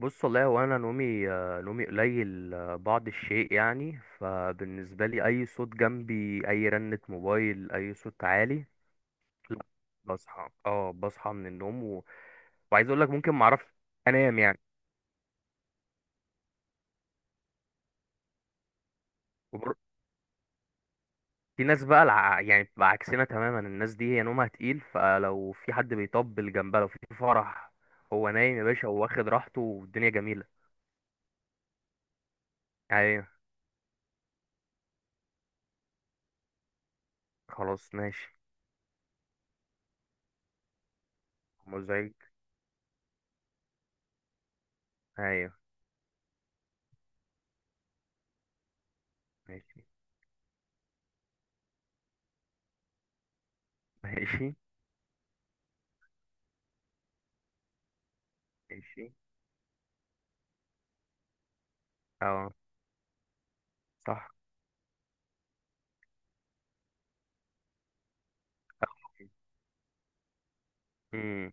بص، والله هو انا نومي نومي قليل بعض الشيء يعني. فبالنسبه لي، اي صوت جنبي، اي رنه موبايل، اي صوت عالي. لا، بصحى من النوم وعايز اقول لك ممكن ما اعرفش انام يعني. وبر... في ناس بقى يعني بتبقى عكسنا تماما. الناس دي هي نومها تقيل، فلو في حد بيطبل جنبها، لو في فرح، هو نايم يا باشا وواخد راحته والدنيا جميله. ايوه. خلاص ماشي. مزعج. ايوه. ماشي. ماشي. ماشي. اه. صح. مم.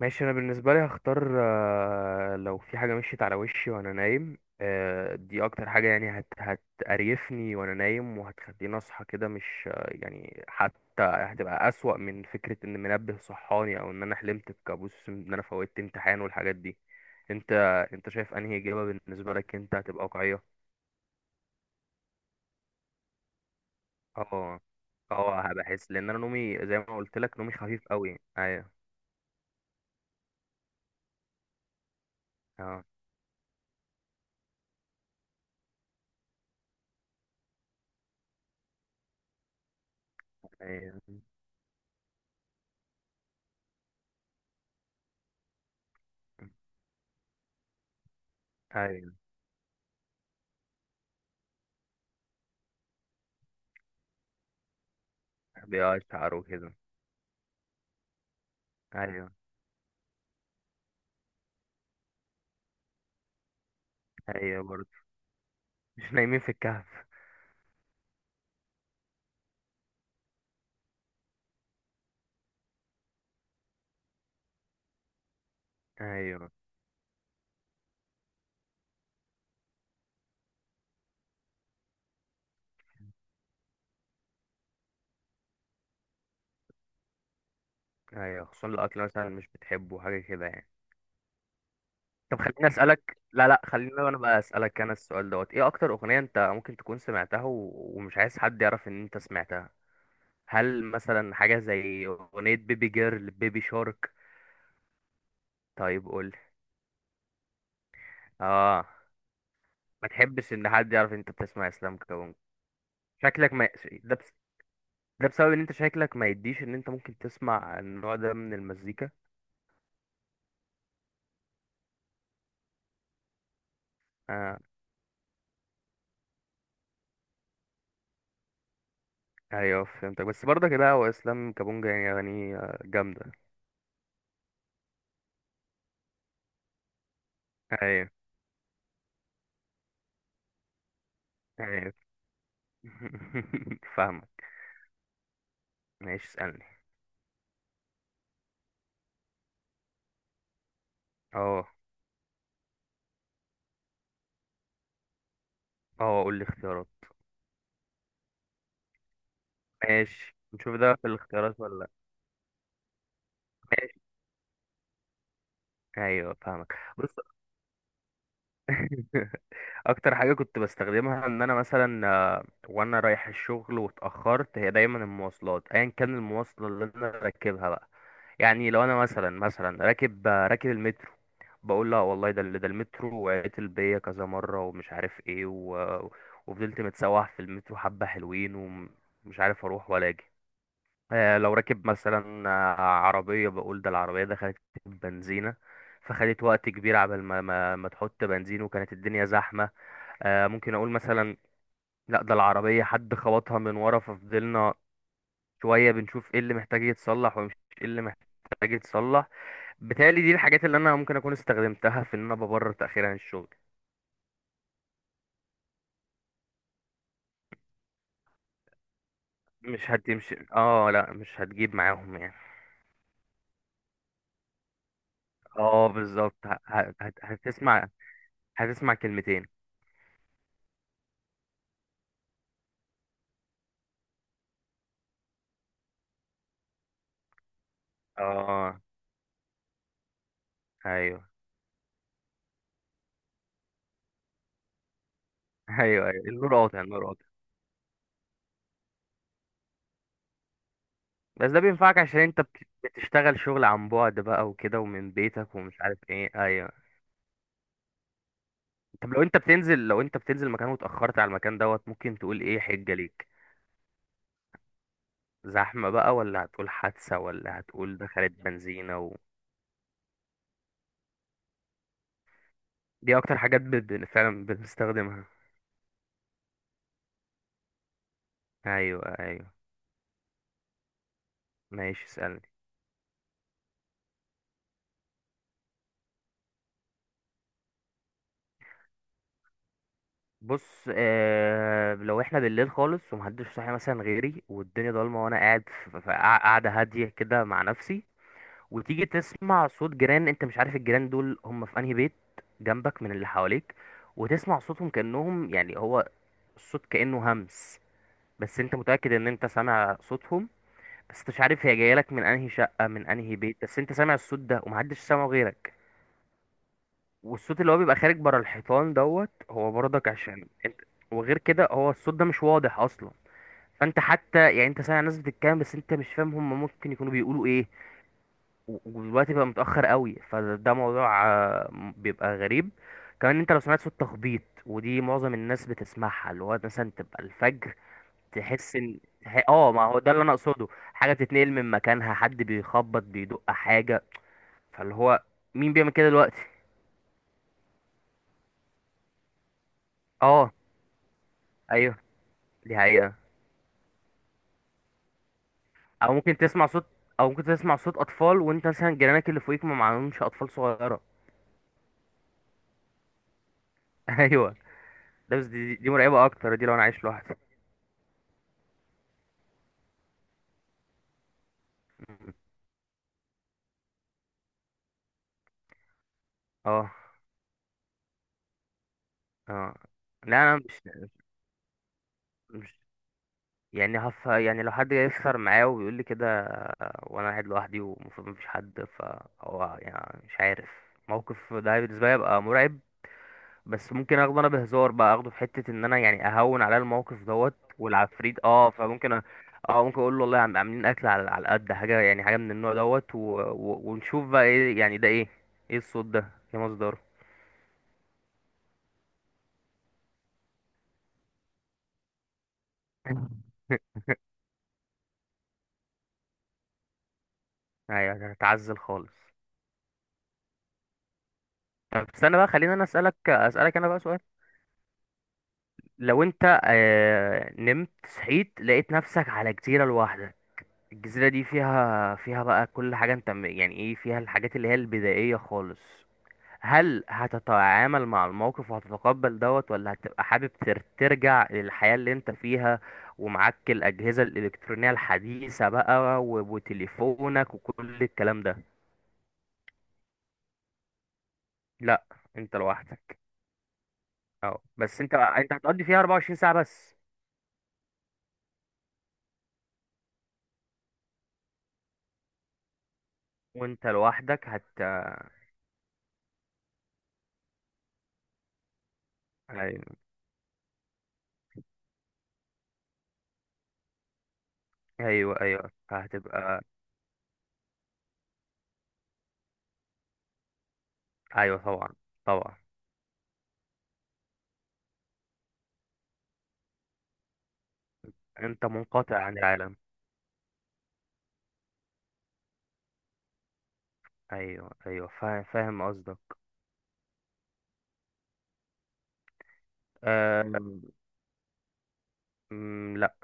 ماشي، انا بالنسبه لي هختار لو في حاجه مشيت على وشي وانا نايم دي اكتر حاجه يعني هتقريفني وانا نايم، وهتخليني اصحى كده. مش يعني، حتى هتبقى اسوأ من فكره ان منبه صحاني او ان انا حلمت بكابوس ان انا فوتت امتحان والحاجات دي. انت انت شايف انهي اجابه بالنسبه لك انت هتبقى واقعيه؟ اه اه، هبحس لان انا نومي زي ما قلت لك نومي خفيف قوي. ايوه. اه، ايوه ايوه، بيقشعر وكده. ايوه ايوه برضه، مش نايمين في الكهف. ايوه ايوه، خصوصا لو اكل مثلا مش بتحبه، حاجه كده يعني. طب خليني اسالك. لا لا، خليني انا بقى اسالك انا السؤال دوت. ايه اكتر اغنيه انت ممكن تكون سمعتها ومش عايز حد يعرف ان انت سمعتها؟ هل مثلا حاجه زي اغنيه بيبي جيرل، بيبي شارك؟ طيب قول لي. اه. ما تحبش ان حد يعرف ان انت بتسمع اسلام كونج؟ شكلك ما... ده بس... ده بسبب ان انت شكلك ما يديش ان انت ممكن تسمع النوع ده من المزيكا. آه ايوه، فهمتك. بس برضه كده، هو اسلام كابونجا يعني اغانيه جامده. ايوه ايوه. فاهمك. ماشي اسالني. اه اه، قول لي اختيارات. ماشي، نشوف ده في الاختيارات ولا لا. ماشي. ايوه فاهمك، بص. اكتر حاجه كنت بستخدمها ان انا مثلا وانا رايح الشغل واتاخرت، هي دايما المواصلات، ايا كان المواصله اللي انا راكبها بقى. يعني لو انا مثلا راكب المترو، بقول: لا والله، ده المترو وعطل بيا كذا مره ومش عارف ايه و... آه، وفضلت متسوح في المترو حبه حلوين ومش عارف اروح ولا اجي. لو راكب مثلا عربيه، بقول ده العربيه دخلت بنزينه فخدت وقت كبير عبال ما تحط بنزين وكانت الدنيا زحمه. ممكن اقول مثلا: لا، ده العربية حد خبطها من ورا ففضلنا شوية بنشوف ايه اللي محتاج يتصلح ومش ايه اللي محتاج يتصلح. بالتالي دي الحاجات اللي انا ممكن اكون استخدمتها في ان انا ببرر تأخير عن الشغل. مش هتمشي. اه لا، مش هتجيب معاهم يعني. اه بالظبط، هتسمع، هتسمع كلمتين. اه ايوه. ايوه ايوه، النور قاطع النور قاطع. بس ده بينفعك عشان انت بتشتغل شغل عن بعد بقى وكده ومن بيتك ومش عارف ايه. ايوه. طب لو انت بتنزل مكان واتأخرت على المكان دوت، ممكن تقول ايه حجة ليك؟ زحمة بقى، ولا هتقول حادثة، ولا هتقول دخلت بنزينة دي اكتر حاجات فعلا بنستخدمها. ايوه ايوه. ماشي اسألني. بص لو احنا بالليل خالص ومحدش صاحي مثلا غيري، والدنيا ضلمة وانا قاعد في قاعدة هادية كده مع نفسي، وتيجي تسمع صوت جيران. انت مش عارف الجيران دول هم في انهي بيت جنبك من اللي حواليك، وتسمع صوتهم كأنهم يعني هو الصوت كأنه همس. بس انت متأكد ان انت سامع صوتهم، بس انت مش عارف هي جايه لك من انهي شقة من انهي بيت. بس انت سامع الصوت ده ومحدش سامعه غيرك. والصوت اللي هو بيبقى خارج بره الحيطان دوت، هو برضك عشان انت. وغير كده هو الصوت ده مش واضح اصلا، فانت حتى يعني انت سامع ناس بتتكلم بس انت مش فاهم هم ممكن يكونوا بيقولوا ايه. ودلوقتي بقى متأخر قوي، فده موضوع بيبقى غريب. كمان انت لو سمعت صوت تخبيط، ودي معظم الناس بتسمعها، اللي هو مثلا تبقى الفجر، تحس ان ما هو ده اللي انا اقصده، حاجة بتتنقل من مكانها، حد بيخبط بيدق حاجة. فاللي هو مين بيعمل كده دلوقتي؟ اه ايوه، دي حقيقة. او ممكن تسمع صوت او ممكن تسمع صوت اطفال وانت مثلا جيرانك اللي فوقيك ما معهمش اطفال صغيرة. ايوه. ده بس دي مرعبة اكتر، دي لو انا عايش لوحدي. اه اه، لا انا مش يعني هف يعني لو حد يسهر معايا وبيقول لي كده وانا قاعد لوحدي ومفروض مفيش حد، فهو يعني مش عارف. الموقف ده بالنسبه لي يبقى مرعب. بس ممكن اخده انا بهزار بقى، اخده في حته ان انا يعني اهون على الموقف دوت والعفريت. اه فممكن أ... اه ممكن اقول له: والله عم، عاملين اكل على قد حاجه يعني، حاجه من النوع دوت، ونشوف بقى ايه يعني، ده ايه؟ ايه الصوت ده؟ ايه مصدره؟ ايوه، هتعزل خالص. طب استنى بقى، خلينا انا اسالك انا بقى سؤال. لو انت نمت صحيت لقيت نفسك على جزيرة لوحدك، الجزيرة دي فيها بقى كل حاجة، انت يعني ايه، فيها الحاجات اللي هي البدائية خالص. هل هتتعامل مع الموقف وهتتقبل دوت، ولا هتبقى حابب ترجع للحياة اللي انت فيها ومعاك الأجهزة الإلكترونية الحديثة بقى وتليفونك وكل الكلام ده؟ لا، انت لوحدك. اه، بس انت هتقضي فيها 24 ساعة بس. وانت لوحدك ايوه ايوه، فهتبقى. ايوه طبعا. طبعا. انت منقطع عن العالم. ايوه ايوه، فاهم فاهم قصدك. مم. مم، لا.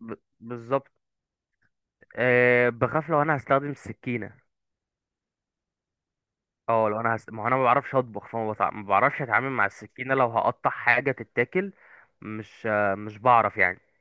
ب... بالظبط. بخاف لو انا هستخدم السكينه. اه لو انا ما هو انا ما بعرفش اطبخ، فما ما بعرفش اتعامل مع السكينه لو هقطع حاجه تتاكل. مش بعرف يعني.